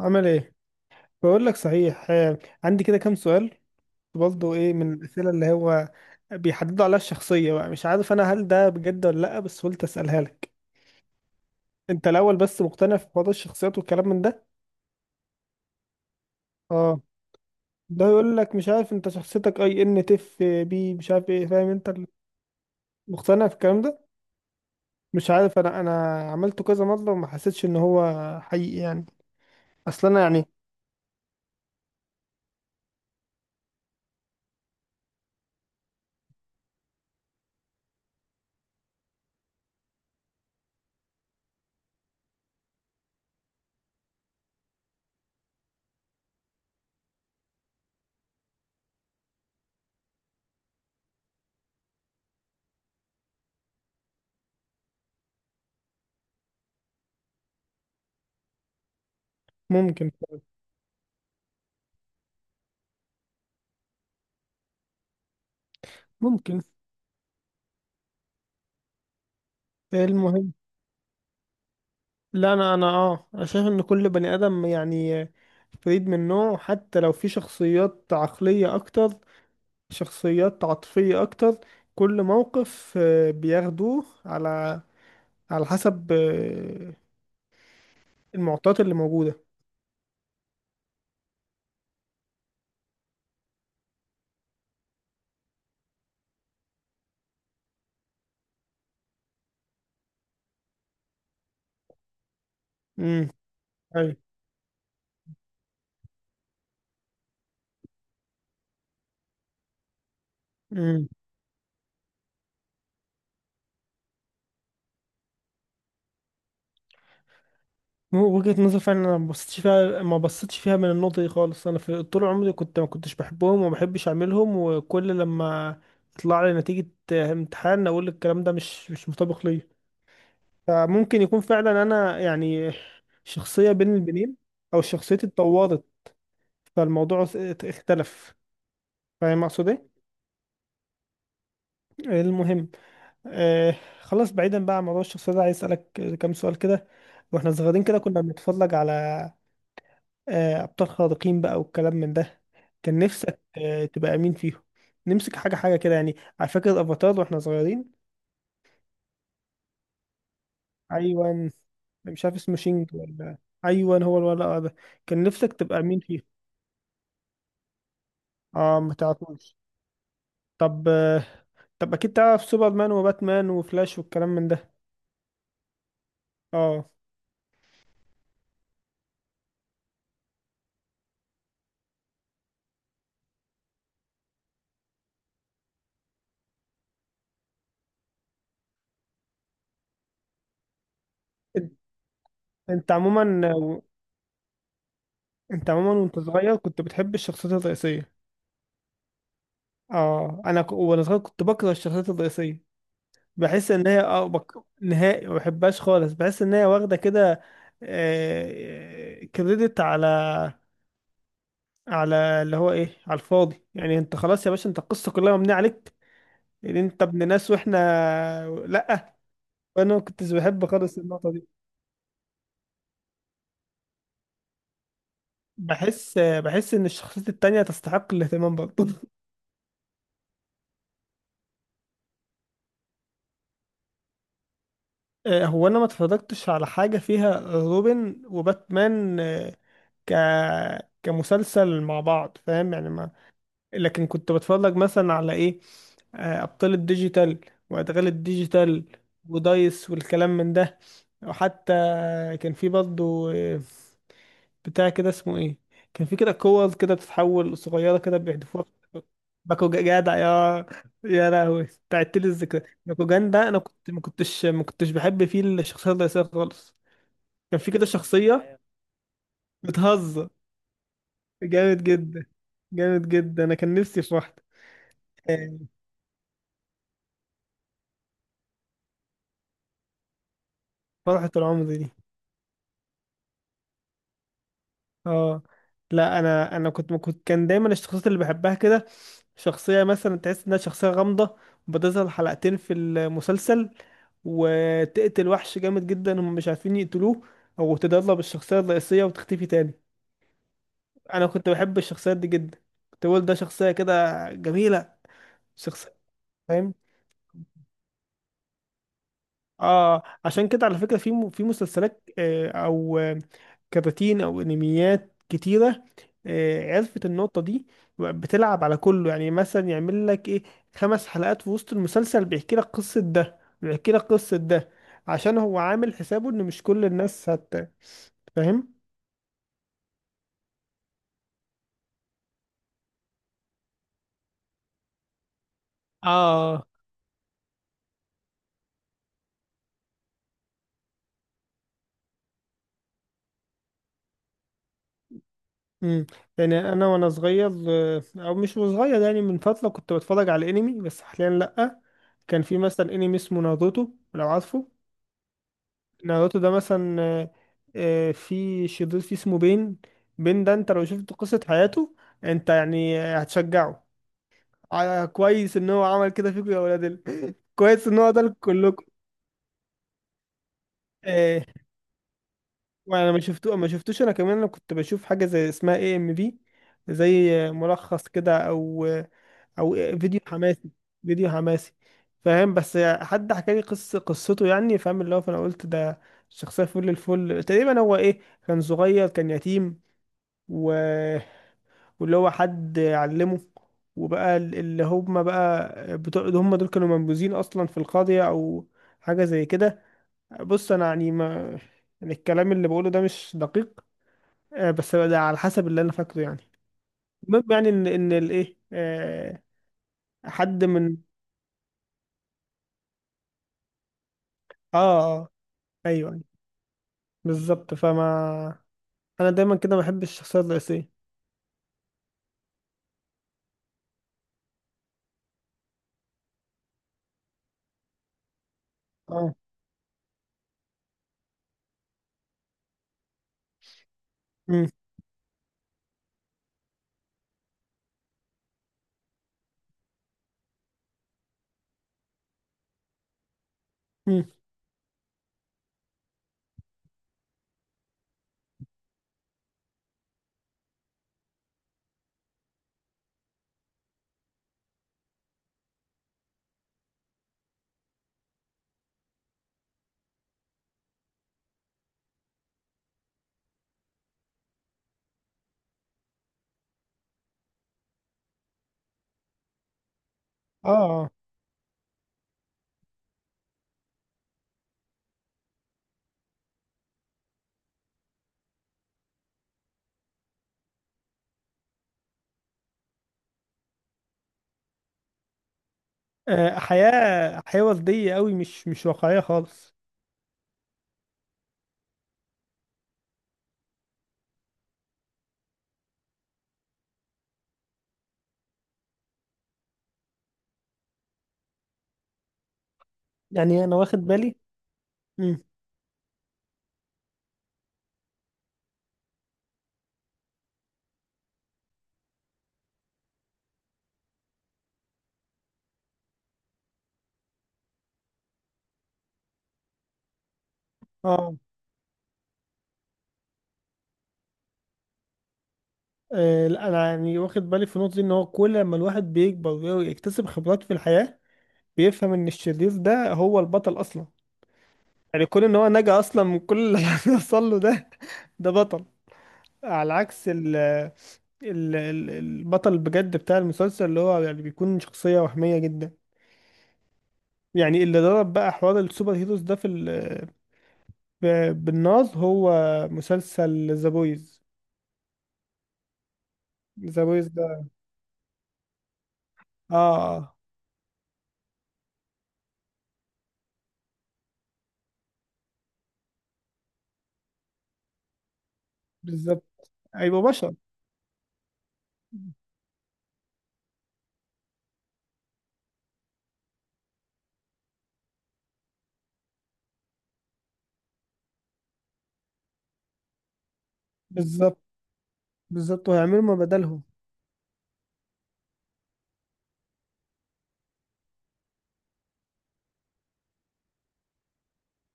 عمل ايه؟ بقول لك صحيح، عندي كده كام سؤال. برضه ايه من الاسئله اللي هو بيحددوا عليها الشخصيه؟ بقى مش عارف انا هل ده بجد ولا لا، بس قلت اسالها لك. انت الاول، بس مقتنع في حوار الشخصيات والكلام من ده؟ اه. ده يقول لك مش عارف انت شخصيتك اي ان تف بي، مش عارف ايه، فاهم انت مقتنع في الكلام ده؟ مش عارف، انا عملته كذا مره وما حسيتش ان هو حقيقي يعني، اصل انا يعني. ممكن ممكن. المهم، لا انا انا اه أنا شايف ان كل بني ادم يعني فريد من نوعه، حتى لو في شخصيات عقلية اكتر، شخصيات عاطفية اكتر، كل موقف بياخدوه على على حسب المعطيات اللي موجودة. امم. ايوه. امم. وجهة نظر فعلا انا ما بصيتش فيها، من النقطة دي خالص. انا في طول عمري ما كنتش بحبهم وما بحبش اعملهم، وكل لما يطلع لي نتيجة امتحان اقول الكلام ده مش مطابق ليا. فممكن يكون فعلا انا يعني شخصية بين البنين، او شخصيتي اتطورت، فالموضوع اختلف، فاهم اقصد ايه؟ المهم آه خلاص، بعيدا بقى عن موضوع الشخصية ده، عايز اسالك كام سؤال كده. واحنا صغيرين كده كنا بنتفرج على ابطال خارقين بقى والكلام من ده، كان نفسك تبقى مين فيهم؟ نمسك حاجة حاجة كده، يعني على فكرة افاتار واحنا صغيرين. ايوان، مش عارف اسمه شينج ولا... ايوان، هو الولد ده، كان نفسك تبقى مين فيهم؟ اه، ما تعرفوش. طب، طب اكيد تعرف سوبرمان وباتمان وفلاش والكلام من ده. اه. انت أنت عموما، انت عموما وانت صغير كنت بتحب الشخصيات الرئيسيه؟ اه، وانا صغير كنت بكره الشخصيات الرئيسيه. بحس ان هي نهائي ما بحبهاش خالص، بحس ان هي واخده كده كريدت على على اللي هو ايه، على الفاضي. يعني انت خلاص يا باشا، انت القصه كلها مبنيه عليك، يعني انت ابن ناس واحنا... لا. فانا ما كنتش بحب خالص النقطه دي. بحس ان الشخصيات التانية تستحق الاهتمام برضه. هو انا ما اتفرجتش على حاجة فيها روبن وباتمان آه، ك كمسلسل مع بعض، فاهم يعني ما... لكن كنت بتفرج مثلا على ايه، ابطال الديجيتال وادغال الديجيتال ودايس والكلام من ده. وحتى كان في برضه بتاع كده اسمه ايه، كان في كده كور كده بتتحول صغيره كده بيحدفوها. باكوجان! جدع يا لهوي، بتاعت لي الذكرى. باكوجان ده انا كنت ما كنتش بحب فيه الشخصيه الرئيسيه خالص. كان في كده شخصيه بتهزر جامد جدا، جامد جدا، انا كان نفسي في واحده آه، فرحه العمر دي. اه، لا، انا انا كنت كنت كان دايما الشخصيات اللي بحبها كده شخصية مثلا تحس انها شخصية غامضة، بتظهر حلقتين في المسلسل وتقتل وحش جامد جدا هم مش عارفين يقتلوه، او تدرب الشخصية الرئيسية وتختفي تاني. انا كنت بحب الشخصيات دي جدا، كنت بقول ده شخصية كده جميلة، شخصية، فاهم. اه، عشان كده على فكرة في في مسلسلات او كراتين او انميات كتيرة، عرفت النقطة دي، بتلعب على كله. يعني مثلا يعمل لك ايه، 5 حلقات في وسط المسلسل بيحكي لك قصة ده بيحكي لك قصة ده، عشان هو عامل حسابه ان مش كل الناس هت... فاهم. اه. امم. يعني انا وانا صغير او مش صغير، يعني من فترة، كنت بتفرج على انمي، بس حاليا لأ. كان في مثلا انمي اسمه ناروتو، لو عارفه. ناروتو ده مثلا في شرير فيه اسمه بين. بين ده انت لو شفت قصة حياته، انت يعني هتشجعه، كويس ان هو عمل كده فيكم يا ولاد كويس ان هو ده كلكم آه، وانا ما شفتوش انا كمان. انا كنت بشوف حاجة زي اسمها AMV، زي ملخص كده، او فيديو حماسي، فيديو حماسي، فاهم. بس حد حكى لي قصة قصته، يعني فاهم اللي هو، فانا قلت ده شخصية فل الفل تقريبا. هو ايه، كان صغير كان يتيم و... واللي هو حد علمه، وبقى اللي هم بقى بتوع هم دول كانوا منبوذين اصلا في القاضية، او حاجة زي كده. بص، انا يعني ما، يعني الكلام اللي بقوله ده مش دقيق بس ده على حسب اللي انا فاكره يعني. المهم يعني ان الايه، حد من... اه. اه. ايوه، أيوة، بالظبط، فما انا دايما كده بحب الشخصيات الرئيسية. اه. امم. امم. اه. آه. حياة حياة وردية قوي، مش واقعية خالص. يعني انا واخد بالي. مم. اه. لا، انا يعني واخد بالي في النقطه دي، ان هو كل ما الواحد بيكبر ويكتسب خبرات في الحياه بيفهم ان الشرير ده هو البطل اصلا. يعني كون ان هو نجا اصلا من كل اللي حصل له ده، ده بطل، على عكس البطل بجد بتاع المسلسل، اللي هو يعني بيكون شخصيه وهميه جدا. يعني اللي ضرب بقى حوار السوبر هيروز ده بالناز، هو مسلسل ذا بويز. ذا بويز ده. اه. بالظبط، هيبقوا بشر، بالظبط، بالظبط، وهيعملوا ما بدلهم.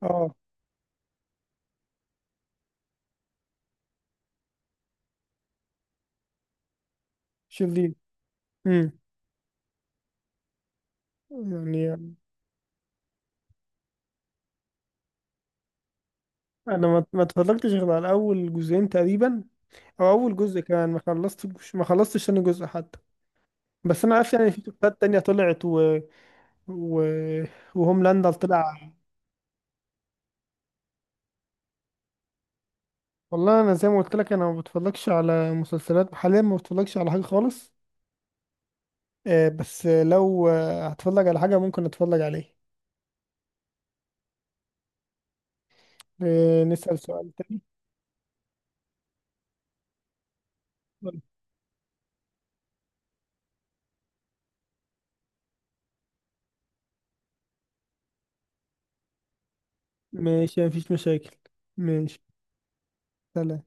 اه، شرير. امم. يعني انا ما اتفرجتش غير على اول جزئين تقريبا، او اول جزء كمان، ما خلصتش ثاني جزء حتى. بس انا عارف يعني في شخصيات تانية طلعت و... و... وهوملاندر طلع. والله انا زي ما قلت لك، انا ما بتفرجش على مسلسلات حاليا، ما بتفرجش على حاجه خالص، بس لو هتفرج على حاجه ممكن اتفرج عليه. نسأل سؤال تاني. ماشي، مفيش مشاكل. ماشي. سلام.